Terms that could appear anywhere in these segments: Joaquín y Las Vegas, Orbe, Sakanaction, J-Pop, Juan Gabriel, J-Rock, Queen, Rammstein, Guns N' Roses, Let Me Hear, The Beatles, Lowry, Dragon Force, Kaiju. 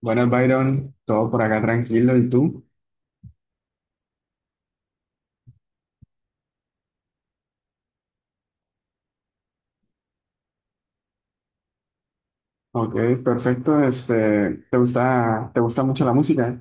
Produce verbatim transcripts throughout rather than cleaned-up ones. Buenas, Byron. Todo por acá tranquilo. ¿Y tú? Ok, perfecto. Este, ¿te gusta, te gusta mucho la música?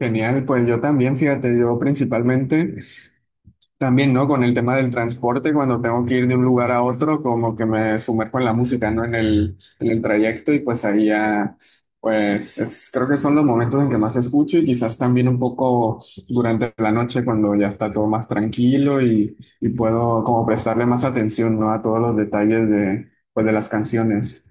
Genial. Pues yo también, fíjate, yo principalmente también, ¿no? Con el tema del transporte, cuando tengo que ir de un lugar a otro, como que me sumerjo en la música, ¿no? En el, en el trayecto y pues ahí ya, pues es- creo que son los momentos en que más escucho y quizás también un poco durante la noche cuando ya está todo más tranquilo y, y puedo como prestarle más atención, ¿no? A todos los detalles de, pues, de las canciones.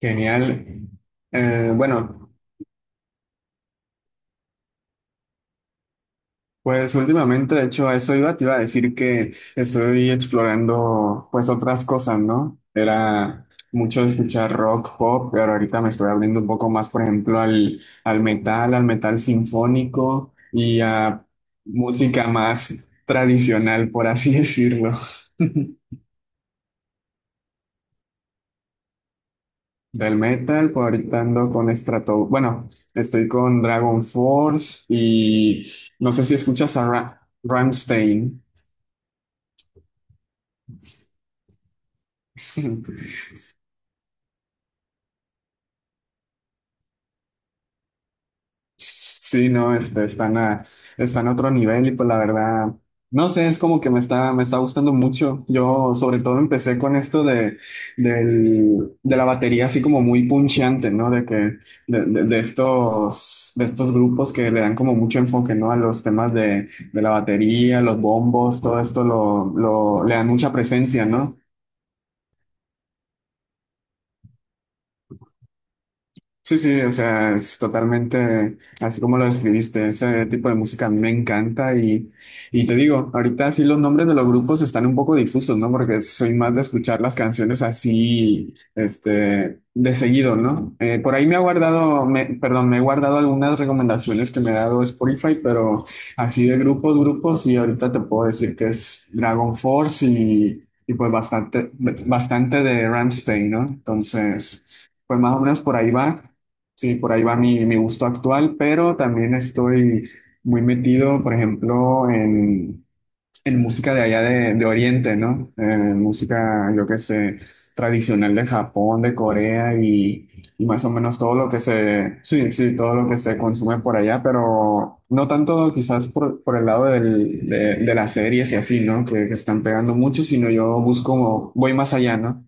Genial. Eh, bueno. Pues últimamente, de hecho, a eso iba, te iba a decir que estoy explorando pues otras cosas, ¿no? Era mucho de escuchar rock, pop, pero ahorita me estoy abriendo un poco más, por ejemplo, al, al metal, al metal sinfónico y a música más tradicional, por así decirlo. Del metal, pues ahorita ando con Strato, bueno, estoy con Dragon Force y no sé si escuchas a Ra- Rammstein. Sí, no, este, están a, están a otro nivel y pues la verdad, no sé, es como que me está, me está gustando mucho. Yo sobre todo empecé con esto de, del, de la batería así como muy puncheante, ¿no? De que, de, de- de estos, de estos grupos que le dan como mucho enfoque, ¿no? A los temas de, de la batería, los bombos, todo esto lo, lo, le dan mucha presencia, ¿no? Sí, sí, o sea, es totalmente así como lo describiste. Ese tipo de música me encanta y, y te digo, ahorita sí los nombres de los grupos están un poco difusos, ¿no? Porque soy más de escuchar las canciones así, este, de seguido, ¿no? Eh, por ahí me ha guardado, me, perdón, me he guardado algunas recomendaciones que me ha dado Spotify, pero así de grupos, grupos, y ahorita te puedo decir que es Dragon Force y, y pues bastante, bastante de Rammstein, ¿no? Entonces... Pues más o menos por ahí va. Sí, por ahí va mi, mi gusto actual, pero también estoy muy metido, por ejemplo, en, en música de allá de, de Oriente, ¿no? En música, yo qué sé, tradicional de Japón, de Corea y, y más o menos todo lo que se, sí, sí, todo lo que se consume por allá, pero no tanto quizás por, por el lado del- de, de las series y así, ¿no? Que, que están pegando mucho, sino yo busco, voy más allá, ¿no?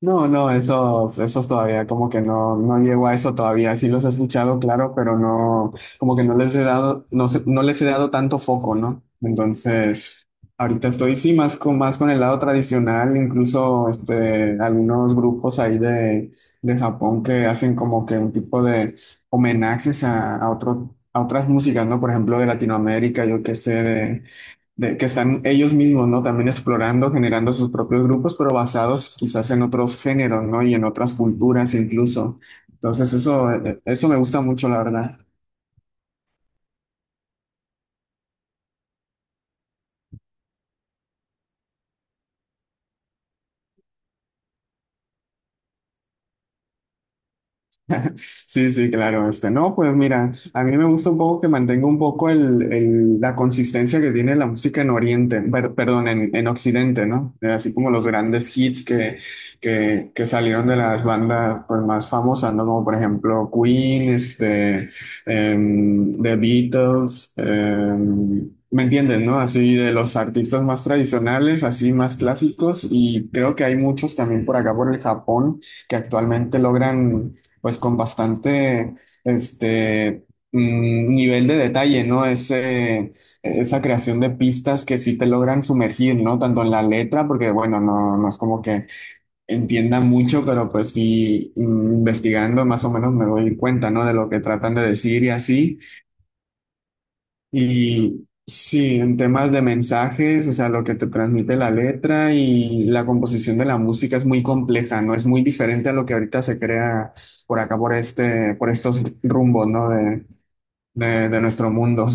No, no, esos, esos todavía como que no, no llego a eso todavía. Sí los he escuchado, claro, pero no, como que no les he dado, no sé- no les he dado tanto foco, ¿no? Entonces, ahorita estoy sí más con, más con el lado tradicional, incluso este, algunos grupos ahí de, de Japón que hacen como que un tipo de homenajes a, a otro, a otras músicas, ¿no? Por ejemplo, de Latinoamérica, yo qué sé, de- que están ellos mismos, ¿no? También explorando, generando sus propios grupos, pero basados quizás en otros géneros, ¿no? Y en otras culturas incluso. Entonces, eso, eh, eso me gusta mucho, la verdad. Sí, sí, claro, este, no, pues mira, a mí me gusta un poco que mantenga un poco el, el- la consistencia que tiene la música en Oriente, per- perdón, en, en Occidente, ¿no? Eh, Así como los grandes hits que, que, que salieron de las bandas pues, más famosas, ¿no? Como por ejemplo Queen, este, em, The Beatles, em, ¿me entienden, no? Así de los artistas más tradicionales, así más clásicos, y creo que hay muchos también por acá, por el Japón, que actualmente logran pues con bastante este mm, nivel de detalle, ¿no? Ese, esa creación de pistas que sí te logran sumergir, ¿no? Tanto en la letra, porque bueno, no, no es como que entienda mucho, pero pues sí, mm, investigando más o menos me doy cuenta, ¿no? De lo que tratan de decir y así. Y sí, en temas de mensajes, o sea, lo que te transmite la letra y la composición de la música es muy compleja, ¿no? Es muy diferente a lo que ahorita se crea por acá, por este, por estos rumbos, ¿no? De, de, de nuestro mundo.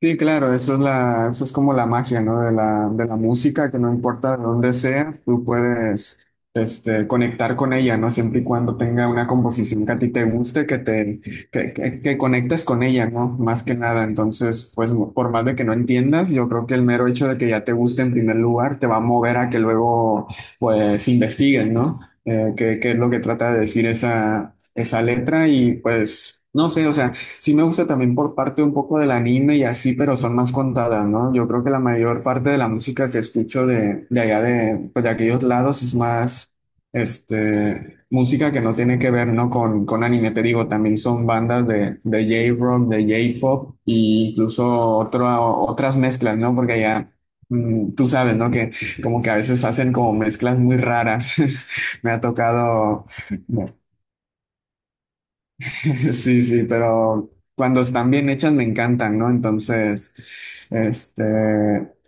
Sí, claro, eso es la, eso es como la magia, ¿no? De la, de la música, que no importa de dónde sea, tú puedes, este, conectar con ella, ¿no? Siempre y cuando tenga una composición que a ti te guste, que te, que, que, que conectes con ella, ¿no? Más que nada. Entonces, pues, por más de que no entiendas, yo creo que el mero hecho de que ya te guste en primer lugar te va a mover a que luego, pues, investiguen, ¿no? Eh, qué, qué es lo que trata de decir esa, esa letra y, pues, no sé, o sea. Sí me gusta también por parte un poco del anime y así, pero son más contadas, ¿no? Yo creo que la mayor parte de la música que escucho de, de allá de, pues, de aquellos lados es más, este, música que no tiene que ver, ¿no? Con, con anime, te digo, también son bandas de, de J-Rock, de J-Pop e incluso otro, otras mezclas, ¿no? Porque allá, mm, tú sabes, ¿no? Que como que a veces hacen como mezclas muy raras. Me ha tocado... Sí, sí, pero cuando están bien hechas me encantan, ¿no? Entonces, este,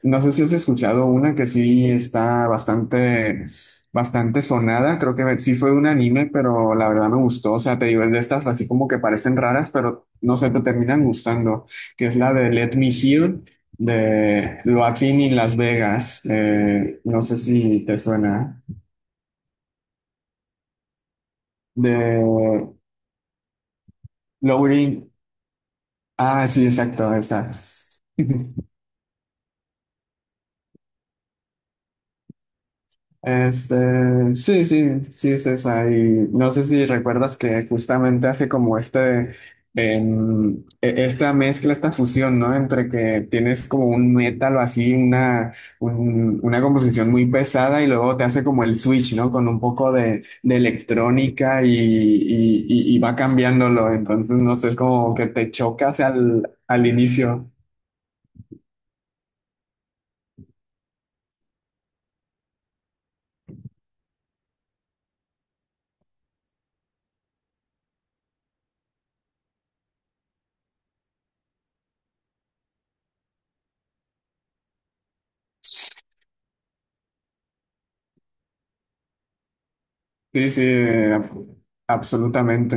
no sé si has escuchado una que sí está bastante, bastante sonada, creo que sí fue de un anime, pero la verdad me gustó, o sea, te digo, es de estas así como que parecen raras, pero no sé, te terminan gustando, que es la de Let Me Hear de Joaquín y Las Vegas, Eh, no sé si te suena, de Lowry, ah, sí, exacto, esa. Este, sí, sí, sí, César. Y no sé si recuerdas que justamente hace como este, em, e- esta mezcla, esta fusión, ¿no? Entre que tienes como un metal o así, una, un- una composición muy pesada y luego te hace como el switch, ¿no? Con un poco de, de electrónica y, y, y- y va cambiándolo. Entonces, no sé, es como que te chocas al, al inicio. Sí, sí, ab- absolutamente.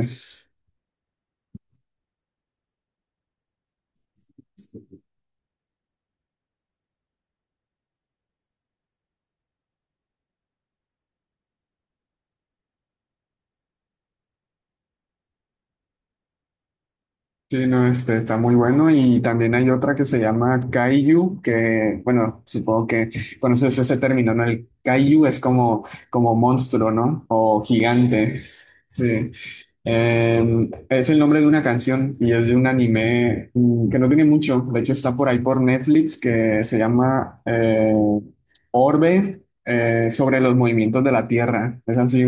Sí, no, este está muy bueno y también hay otra que se llama Kaiju, que bueno, supongo que conoces ese término, ¿no? El Kaiju es como, como monstruo, ¿no? O gigante. Sí. Eh, es el nombre de una canción y es de un anime mm, que no tiene mucho, de hecho está por ahí por Netflix que se llama eh, Orbe, eh, sobre los movimientos de la Tierra. Es así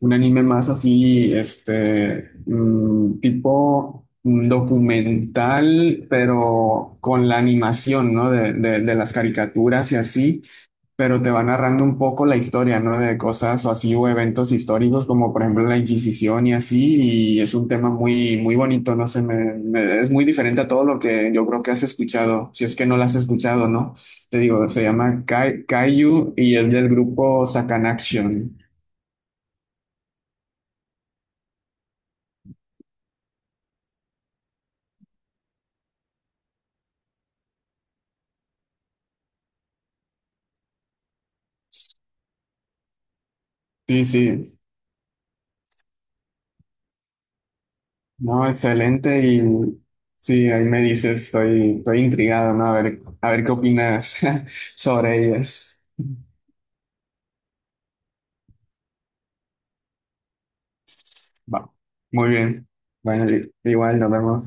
un anime más así, este, mm, tipo mm, documental, pero con la animación, ¿no? De, de- de las caricaturas y así, pero te va narrando un poco la historia, ¿no? De cosas o así, o eventos históricos, como por ejemplo la Inquisición y así, y es un tema muy, muy bonito, no sé, me- me- es muy diferente a todo lo que yo creo que has escuchado, si es que no lo has escuchado, ¿no? Te digo, se llama Kai, Kaiju y es del grupo Sakanaction. Sí, sí. No, excelente. Y sí, ahí me dices, estoy, estoy intrigado, ¿no? A ver, a ver qué opinas sobre ellas. Va, muy bien. Bueno, i- igual nos vemos.